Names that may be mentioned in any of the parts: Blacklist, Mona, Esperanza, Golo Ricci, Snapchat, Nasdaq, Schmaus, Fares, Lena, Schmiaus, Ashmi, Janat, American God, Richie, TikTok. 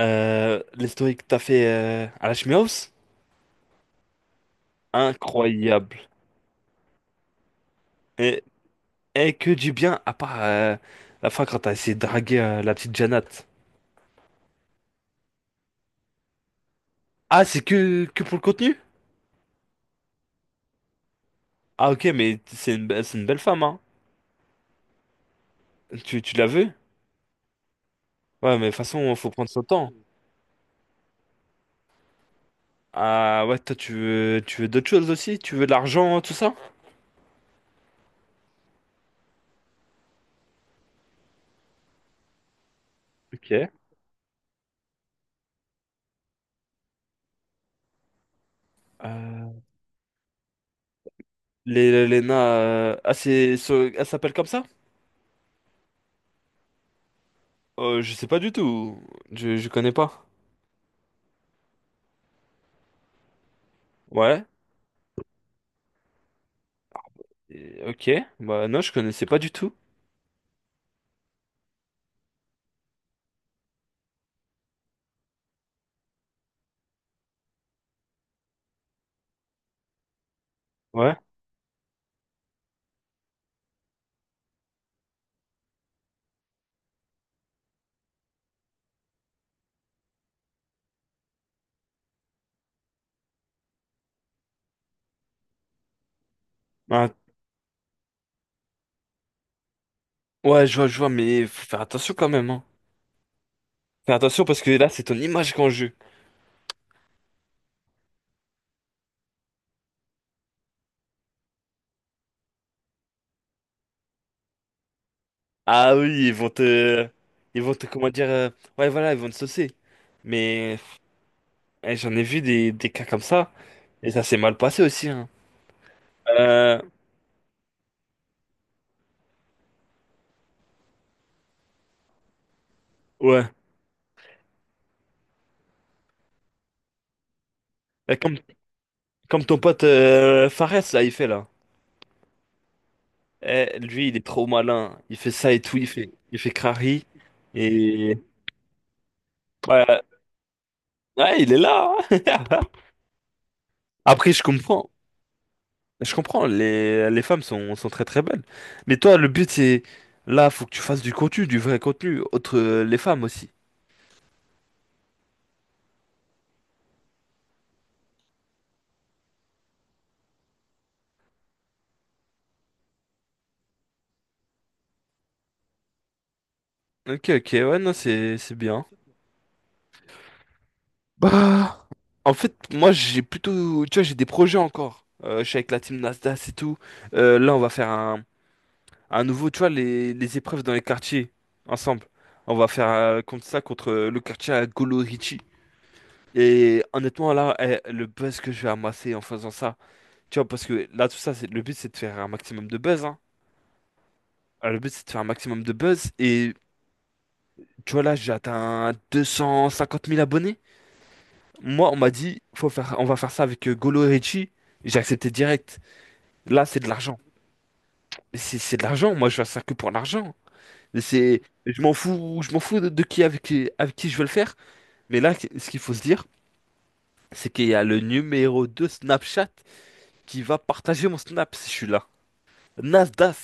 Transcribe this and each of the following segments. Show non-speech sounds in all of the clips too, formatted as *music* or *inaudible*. L'historique que t'as fait à la Schmaus, incroyable. Et, et que du bien, à part la fin quand t'as essayé de draguer la petite Janat. Ah, c'est que pour le contenu? Ah, ok, mais c'est une belle femme, hein. Tu l'as vu? Ouais, mais de toute façon, faut prendre son temps. Ah, ouais, toi, tu veux d'autres choses aussi? Tu veux de l'argent, tout ça? Ok. Euh, Lena, ah, elle s'appelle comme ça? Je sais pas du tout. Je connais pas. Ouais. Ok, bah non, je connaissais pas du tout. Ouais. Ah, ouais, je vois, mais faut faire attention quand même, hein. Faire attention parce que là, c'est ton image qu'on jeu. Ah oui, ils vont te... Ils vont te, comment dire... Ouais, voilà, ils vont te saucer. Mais eh, j'en ai vu des cas comme ça, et ça s'est mal passé aussi, hein. Euh, ouais. Bah, comme ton pote Fares, là, il fait, là. Eh, lui, il est trop malin. Il fait ça et tout, il fait crari. Et... Ouais, ouais, il est là, hein. *laughs* Après, je comprends. Je comprends, les femmes sont très très belles. Mais toi, le but c'est là, faut que tu fasses du contenu, du vrai contenu, autre les femmes aussi. Ok, ok, ouais, non, c'est bien. Bah, en fait, moi j'ai plutôt, tu vois, j'ai des projets encore. Je suis avec la team Nasdaq et tout. Là, on va faire un nouveau, tu vois, les épreuves dans les quartiers ensemble. On va faire contre ça contre le quartier à Golo Ricci. Et honnêtement, là, eh, le buzz que je vais amasser en faisant ça. Tu vois, parce que là, tout ça, c'est, le but, c'est de faire un maximum de buzz, hein. Le but, c'est de faire un maximum de buzz. Et tu vois, là, j'ai atteint 250 000 abonnés. Moi, on m'a dit, faut faire, on va faire ça avec Golo et Richie. J'ai accepté direct. Là, c'est de l'argent. Mais c'est de l'argent. Moi, je fais ça que pour l'argent. Mais c'est, je m'en fous de qui avec qui je veux le faire. Mais là, ce qu'il faut se dire, c'est qu'il y a le numéro 2 Snapchat qui va partager mon Snap si je suis là. Nasdaq.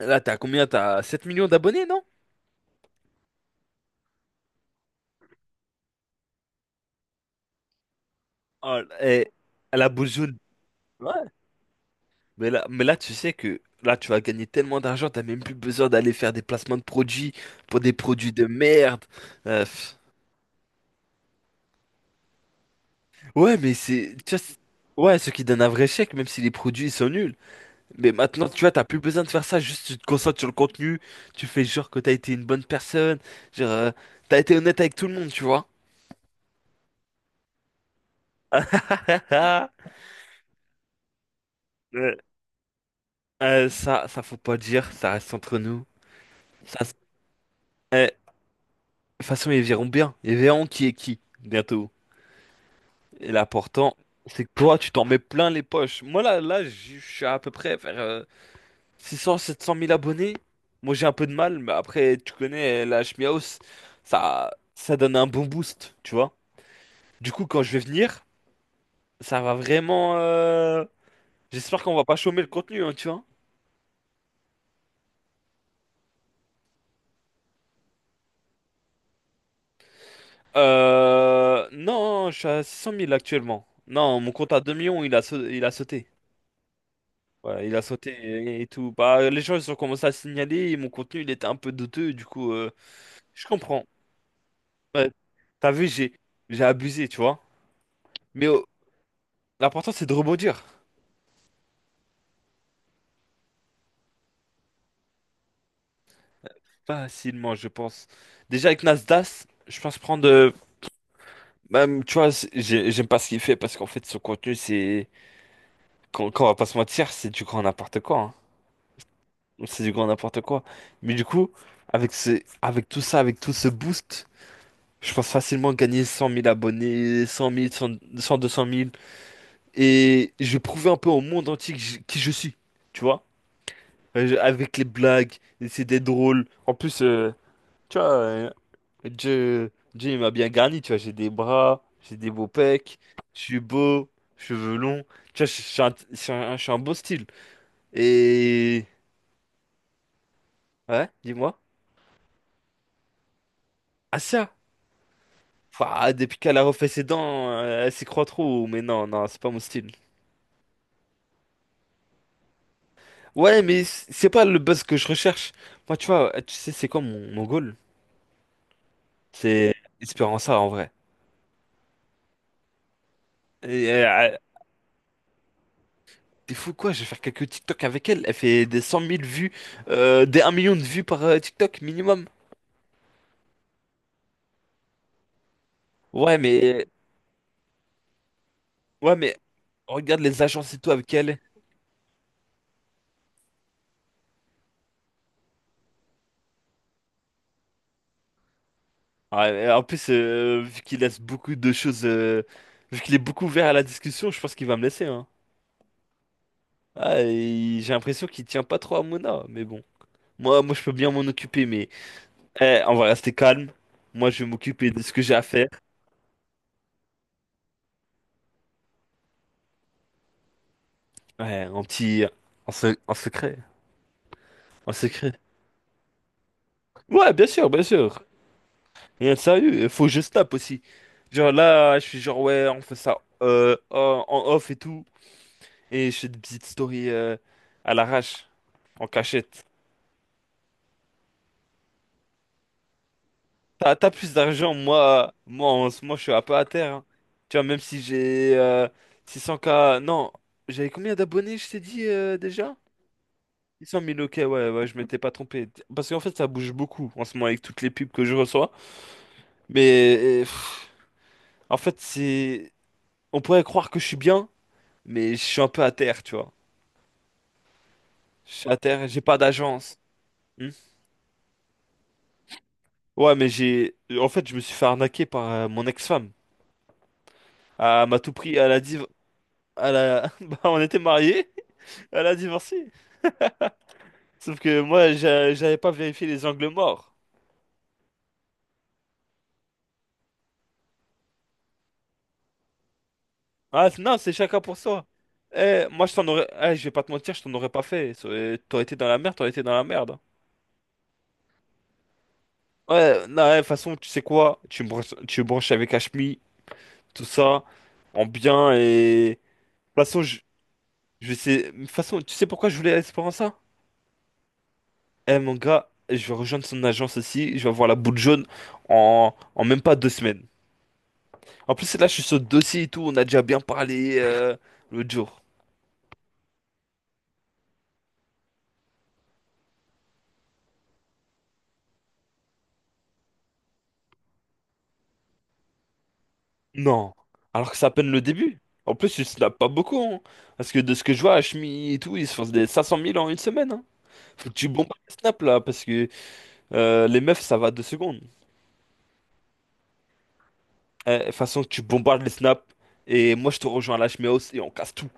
Là, t'as combien? T'as 7 millions d'abonnés, non? Oh, et à la boujoune. Ouais. Mais là, tu sais que là, tu vas gagner tellement d'argent, t'as même plus besoin d'aller faire des placements de produits pour des produits de merde. Pff. Ouais, mais c'est, tu vois, c'est- ouais, ce qui donne un vrai chèque, même si les produits ils sont nuls. Mais maintenant, tu vois, t'as plus besoin de faire ça, juste tu te concentres sur le contenu, tu fais genre que t'as été une bonne personne, genre, t'as été honnête avec tout le monde, tu vois. *laughs* Ça, ça faut pas dire, ça reste entre nous. Ça, c'est- eh, de toute façon, ils verront bien. Ils verront qui est qui, bientôt. Et l'important, c'est que toi, tu t'en mets plein les poches. Moi, là, je suis à peu près vers 600, 700 000 abonnés. Moi, j'ai un peu de mal, mais après, tu connais la Schmiaus, ça donne un bon boost, tu vois. Du coup, quand je vais venir, ça va vraiment. J'espère qu'on va pas chômer le contenu, hein, tu vois. Non, je suis à 600 000 actuellement. Non, mon compte à 2 millions, il a sauté. Voilà, il a sauté et, tout. Bah, les gens, ils ont commencé à signaler, et mon contenu, il était un peu douteux, du coup, je comprends. Ouais. T'as vu, j'ai abusé, tu vois. Mais l'important, c'est de rebondir. Facilement, je pense. Déjà, avec Nasdaq, je pense prendre... même, tu vois, j'aime pas ce qu'il fait, parce qu'en fait, son contenu, c'est... Quand on va pas se mentir, c'est du grand n'importe quoi, hein. C'est du grand n'importe quoi. Mais du coup, avec tout ça, avec tout ce boost... Je pense facilement gagner 100 000 abonnés, 100 000, 100, 100, 200 000. Et je vais prouver un peu au monde entier que qui je suis, tu vois? Avec les blagues, c'est des drôles. En plus, tu vois, Dieu, Dieu, il m'a bien garni, tu vois. J'ai des bras, j'ai des beaux pecs, je suis beau, cheveux longs. Tu vois, je suis un beau style. Et... Ouais, dis-moi. Ah ça! Enfin, depuis qu'elle a refait ses dents, elle s'y croit trop. Mais non, non, c'est pas mon style. Ouais, mais c'est pas le buzz que je recherche. Moi, tu vois, tu sais, c'est quoi mon goal? C'est Espéranza en vrai. Et, euh, T'es fou quoi? Je vais faire quelques TikTok avec elle. Elle fait des 100 000 vues, des un million de vues par TikTok minimum. Ouais, mais ouais, mais regarde les agences et tout avec elle. Est. Ouais, et en plus, vu qu'il laisse beaucoup de choses, vu qu'il est beaucoup ouvert à la discussion, je pense qu'il va me laisser, hein. Ah, et j'ai l'impression qu'il tient pas trop à Mona, mais bon. Moi, moi, je peux bien m'en occuper, mais. Eh, on va rester calme. Moi, je vais m'occuper de ce que j'ai à faire. Ouais, en petit... En secret. En secret. Ouais, bien sûr, bien sûr. Rien de sérieux. Il faut que je tape aussi. Genre là, je suis genre, ouais, on fait ça en off et tout. Et je fais des petites stories à l'arrache, en cachette. T'as plus d'argent, moi, moi, en ce moment, je suis un peu à terre, hein. Tu vois, même si j'ai 600K... Non, j'avais combien d'abonnés, je t'ai dit déjà? 600 000, ok, ouais, ouais, je m'étais pas trompé. Parce qu'en fait, ça bouge beaucoup en ce moment avec toutes les pubs que je reçois. Mais pff, en fait, c'est. On pourrait croire que je suis bien, mais je suis un peu à terre, tu vois. Je suis à terre, j'ai pas d'agence. Hmm. Ouais, mais j'ai. En fait, je me suis fait arnaquer par mon ex-femme. Elle m'a tout pris, elle a div... elle a... *laughs* bah, on était mariés, *laughs* elle a divorcé. Sauf que moi, j'avais pas vérifié les angles morts. Ah non, c'est chacun pour soi. Eh, moi je t'en aurais. Eh, je vais pas te mentir, je t'en aurais pas fait. T'aurais été dans la merde, t'aurais été dans la merde. Ouais, non, ouais, de toute façon, tu sais quoi? Tu me branches avec Ashmi, tout ça, en bien et. De toute façon, je sais. De toute façon, tu sais pourquoi je voulais Esperanza? Eh mon gars, je vais rejoindre son agence aussi, je vais avoir la boule jaune en même pas 2 semaines. En plus, là, je suis sur le dossier et tout, on a déjà bien parlé l'autre jour. Non. Alors que c'est à peine le début. En plus, il se lave pas beaucoup, hein. Parce que de ce que je vois, Ashmi et tout, ils se font des 500 000 en une semaine, hein. Faut que tu bombardes les snaps là. Parce que les meufs, ça va 2 secondes. De toute façon, tu bombardes les snaps. Et moi, je te rejoins à l'HMI et on casse tout.